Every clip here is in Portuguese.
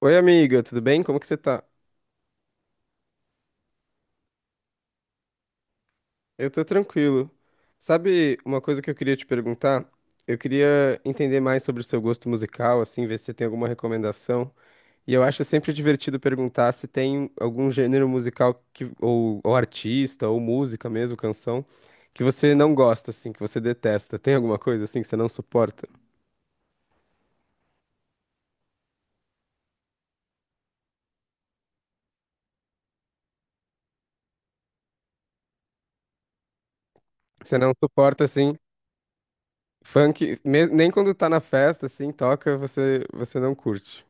Oi, amiga, tudo bem? Como que você tá? Eu tô tranquilo. Sabe uma coisa que eu queria te perguntar? Eu queria entender mais sobre o seu gosto musical, assim, ver se você tem alguma recomendação. E eu acho sempre divertido perguntar se tem algum gênero musical que, ou artista, ou música mesmo, canção, que você não gosta, assim, que você detesta. Tem alguma coisa, assim, que você não suporta? Você não suporta, assim, funk, nem quando tá na festa, assim, toca, você não curte.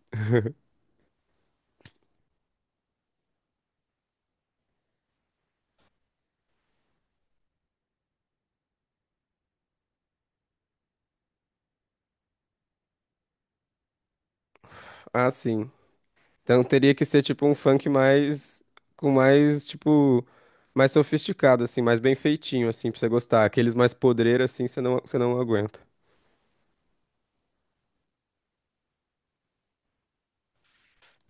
Ah, sim. Então teria que ser tipo um funk mais com mais tipo mais sofisticado assim, mais bem feitinho assim pra você gostar. Aqueles mais podreiros assim, você não aguenta.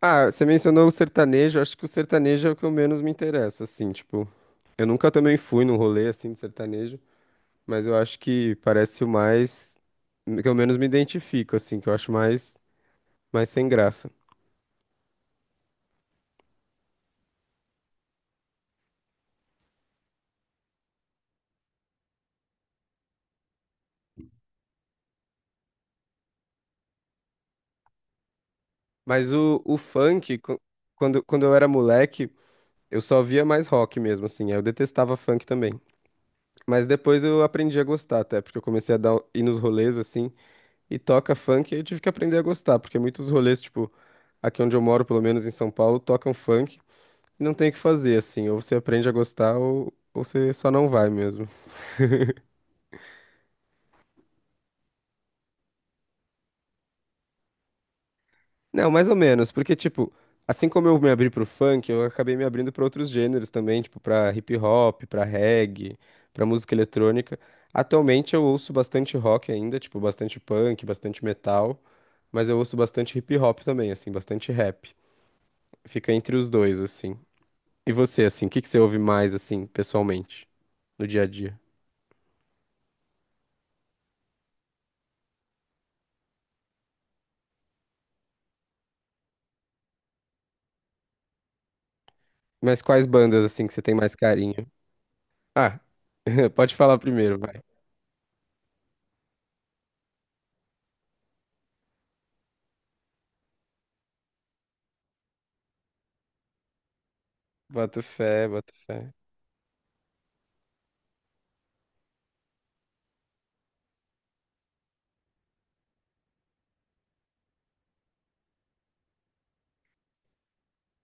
Ah, você mencionou o sertanejo, acho que o sertanejo é o que eu menos me interesso assim, tipo, eu nunca também fui num rolê assim de sertanejo, mas eu acho que parece o mais que eu menos me identifico assim, que eu acho mais sem graça. Mas o funk, quando eu era moleque, eu só via mais rock mesmo, assim. Aí eu detestava funk também. Mas depois eu aprendi a gostar até, porque eu comecei ir nos rolês assim, e toca funk, e eu tive que aprender a gostar, porque muitos rolês, tipo, aqui onde eu moro, pelo menos em São Paulo, tocam funk, e não tem o que fazer, assim, ou você aprende a gostar, ou você só não vai mesmo. Não, mais ou menos, porque, tipo, assim como eu me abri pro funk, eu acabei me abrindo pra outros gêneros também, tipo, pra hip hop, pra reggae, pra música eletrônica. Atualmente eu ouço bastante rock ainda, tipo, bastante punk, bastante metal. Mas eu ouço bastante hip hop também, assim, bastante rap. Fica entre os dois, assim. E você, assim, o que que você ouve mais, assim, pessoalmente, no dia a dia? Mas quais bandas, assim, que você tem mais carinho? Ah, pode falar primeiro, vai. Boto fé, boto fé.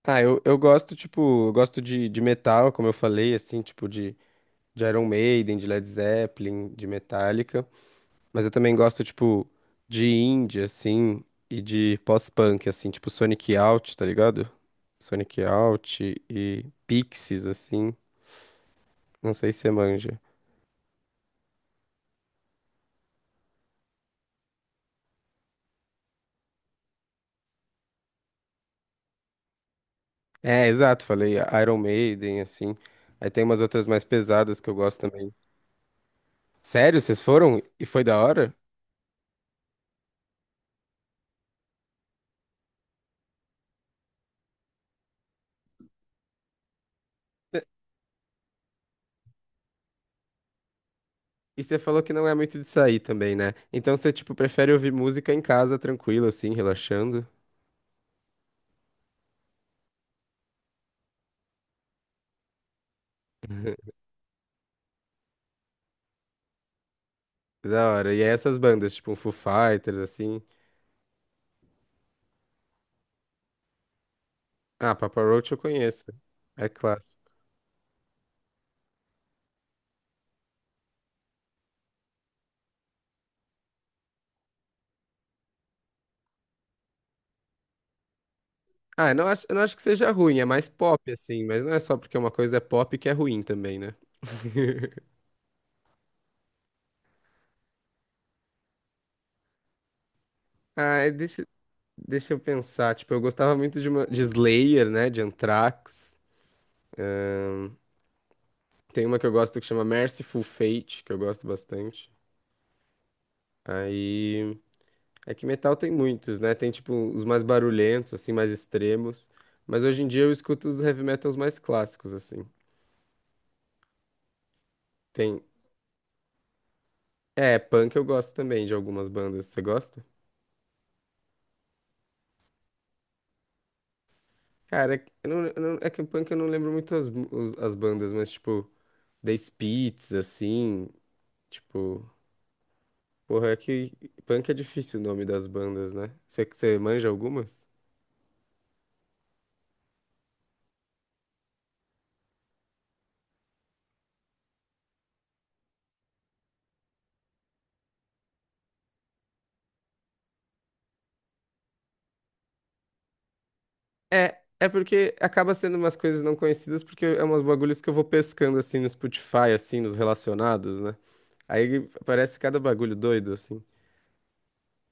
Ah, eu gosto, tipo, eu gosto de metal, como eu falei, assim, tipo, de Iron Maiden, de Led Zeppelin, de Metallica. Mas eu também gosto, tipo, de indie, assim, e de pós-punk, assim, tipo Sonic Youth, tá ligado? Sonic Youth e Pixies, assim, não sei se você manja. É, exato, falei Iron Maiden, assim. Aí tem umas outras mais pesadas que eu gosto também. Sério, vocês foram? E foi da hora? Cê- E você falou que não é muito de sair também, né? Então você, tipo, prefere ouvir música em casa, tranquilo, assim, relaxando. Da hora. E aí essas bandas, tipo, um Foo Fighters, assim. Ah, Papa Roach eu conheço. É clássico. Ah, eu não acho que seja ruim, é mais pop, assim, mas não é só porque uma coisa é pop que é ruim também, né? Ah, deixa eu pensar. Tipo, eu gostava muito de, uma, de Slayer, né? De Anthrax. Tem uma que eu gosto que chama Merciful Fate, que eu gosto bastante. Aí. É que metal tem muitos, né? Tem, tipo, os mais barulhentos, assim, mais extremos. Mas hoje em dia eu escuto os heavy metals mais clássicos, assim. Tem. É, punk eu gosto também de algumas bandas. Você gosta? Cara, é que eu não- é que punk eu não lembro muito as bandas, mas tipo, The Spits, assim, tipo, porra, é que punk é difícil o nome das bandas, né? Você manja algumas? É, é porque acaba sendo umas coisas não conhecidas, porque é umas bagulhos que eu vou pescando assim no Spotify, assim, nos relacionados, né? Aí parece cada bagulho doido, assim.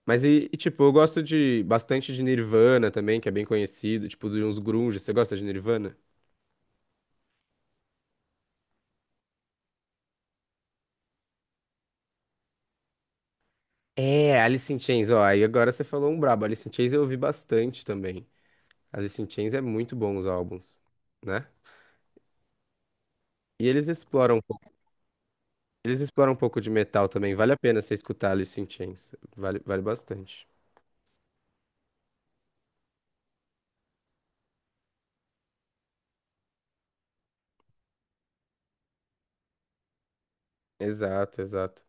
Mas tipo, eu gosto de bastante de Nirvana também, que é bem conhecido, tipo, de uns grunge. Você gosta de Nirvana? É, Alice in Chains, ó, aí agora você falou um brabo. Alice in Chains eu ouvi bastante também. Alice in Chains é muito bom os álbuns, né? E eles exploram um pouco de metal também. Vale a pena você escutar Alice in Chains. Vale, vale bastante. Exato, exato.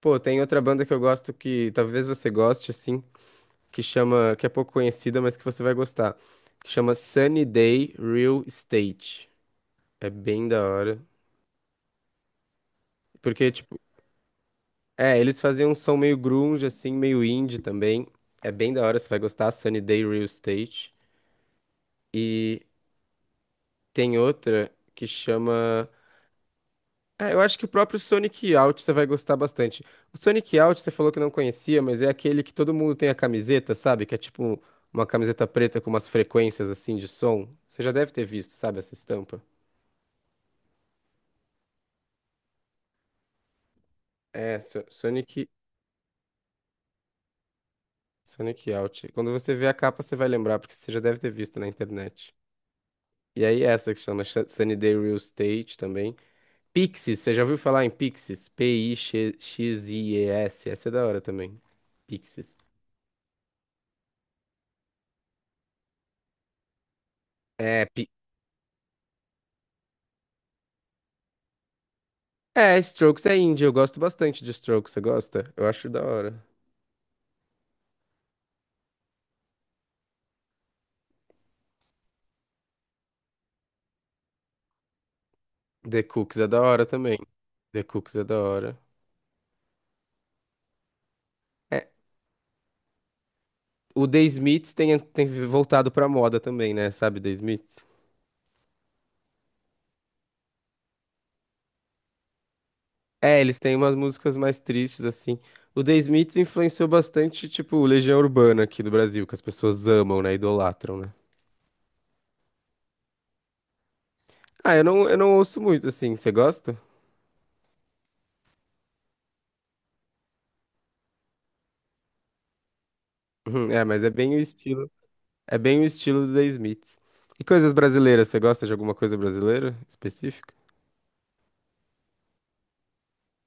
Pô, tem outra banda que eu gosto que talvez você goste, assim, que chama, que é pouco conhecida, mas que você vai gostar. Que chama Sunny Day Real Estate. É bem da hora. Porque, tipo, é, eles faziam um som meio grunge, assim, meio indie também. É bem da hora, você vai gostar. Sunny Day Real Estate. E tem outra que chama. Ah, eu acho que o próprio Sonic Youth você vai gostar bastante. O Sonic Youth você falou que não conhecia, mas é aquele que todo mundo tem a camiseta, sabe? Que é tipo uma camiseta preta com umas frequências assim de som. Você já deve ter visto, sabe, essa estampa. Sonic, Sonic Youth. Quando você vê a capa, você vai lembrar, porque você já deve ter visto na internet. E aí essa que chama Sunnyday Real Estate também. Pixies, você já ouviu falar em Pixies? P-I-X-I-E-S. Essa é da hora também. Pixies. É, pi... é, Strokes é indie. Eu gosto bastante de Strokes. Você gosta? Eu acho da hora. The Cooks é da hora também. The Cooks é da hora. É, o The Smiths tem voltado pra moda também, né? Sabe, The Smiths? É, eles têm umas músicas mais tristes, assim. O The Smiths influenciou bastante, tipo, Legião Urbana aqui do Brasil, que as pessoas amam, né? Idolatram, né? Ah, eu não ouço muito, assim. Você gosta? Uhum, é, mas é bem o estilo. É bem o estilo do The Smiths. E coisas brasileiras, você gosta de alguma coisa brasileira específica?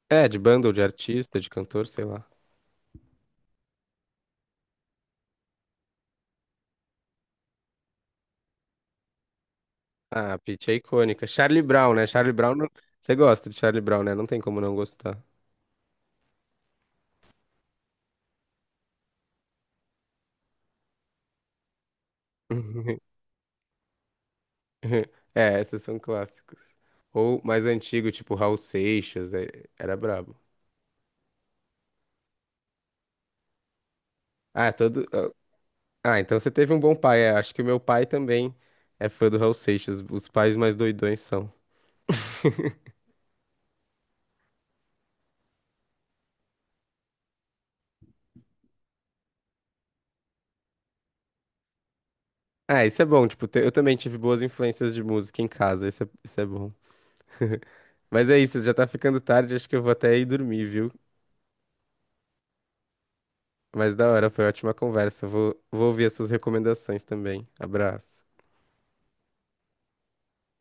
É, de banda ou de artista, de cantor, sei lá. Ah, Pitty é icônica. Charlie Brown, né? Charlie Brown. Não- Você gosta de Charlie Brown, né? Não tem como não gostar. É, essas são clássicos. Ou mais antigo, tipo Raul Seixas, era brabo. Ah, todo. Ah, então você teve um bom pai. É, acho que o meu pai também é fã do Raul Seixas. Os pais mais doidões são. Ah, isso é bom. Tipo, eu também tive boas influências de música em casa. Isso é bom. Mas é isso, já tá ficando tarde. Acho que eu vou até ir dormir, viu? Mas da hora, foi ótima conversa. Vou ouvir as suas recomendações também. Abraço.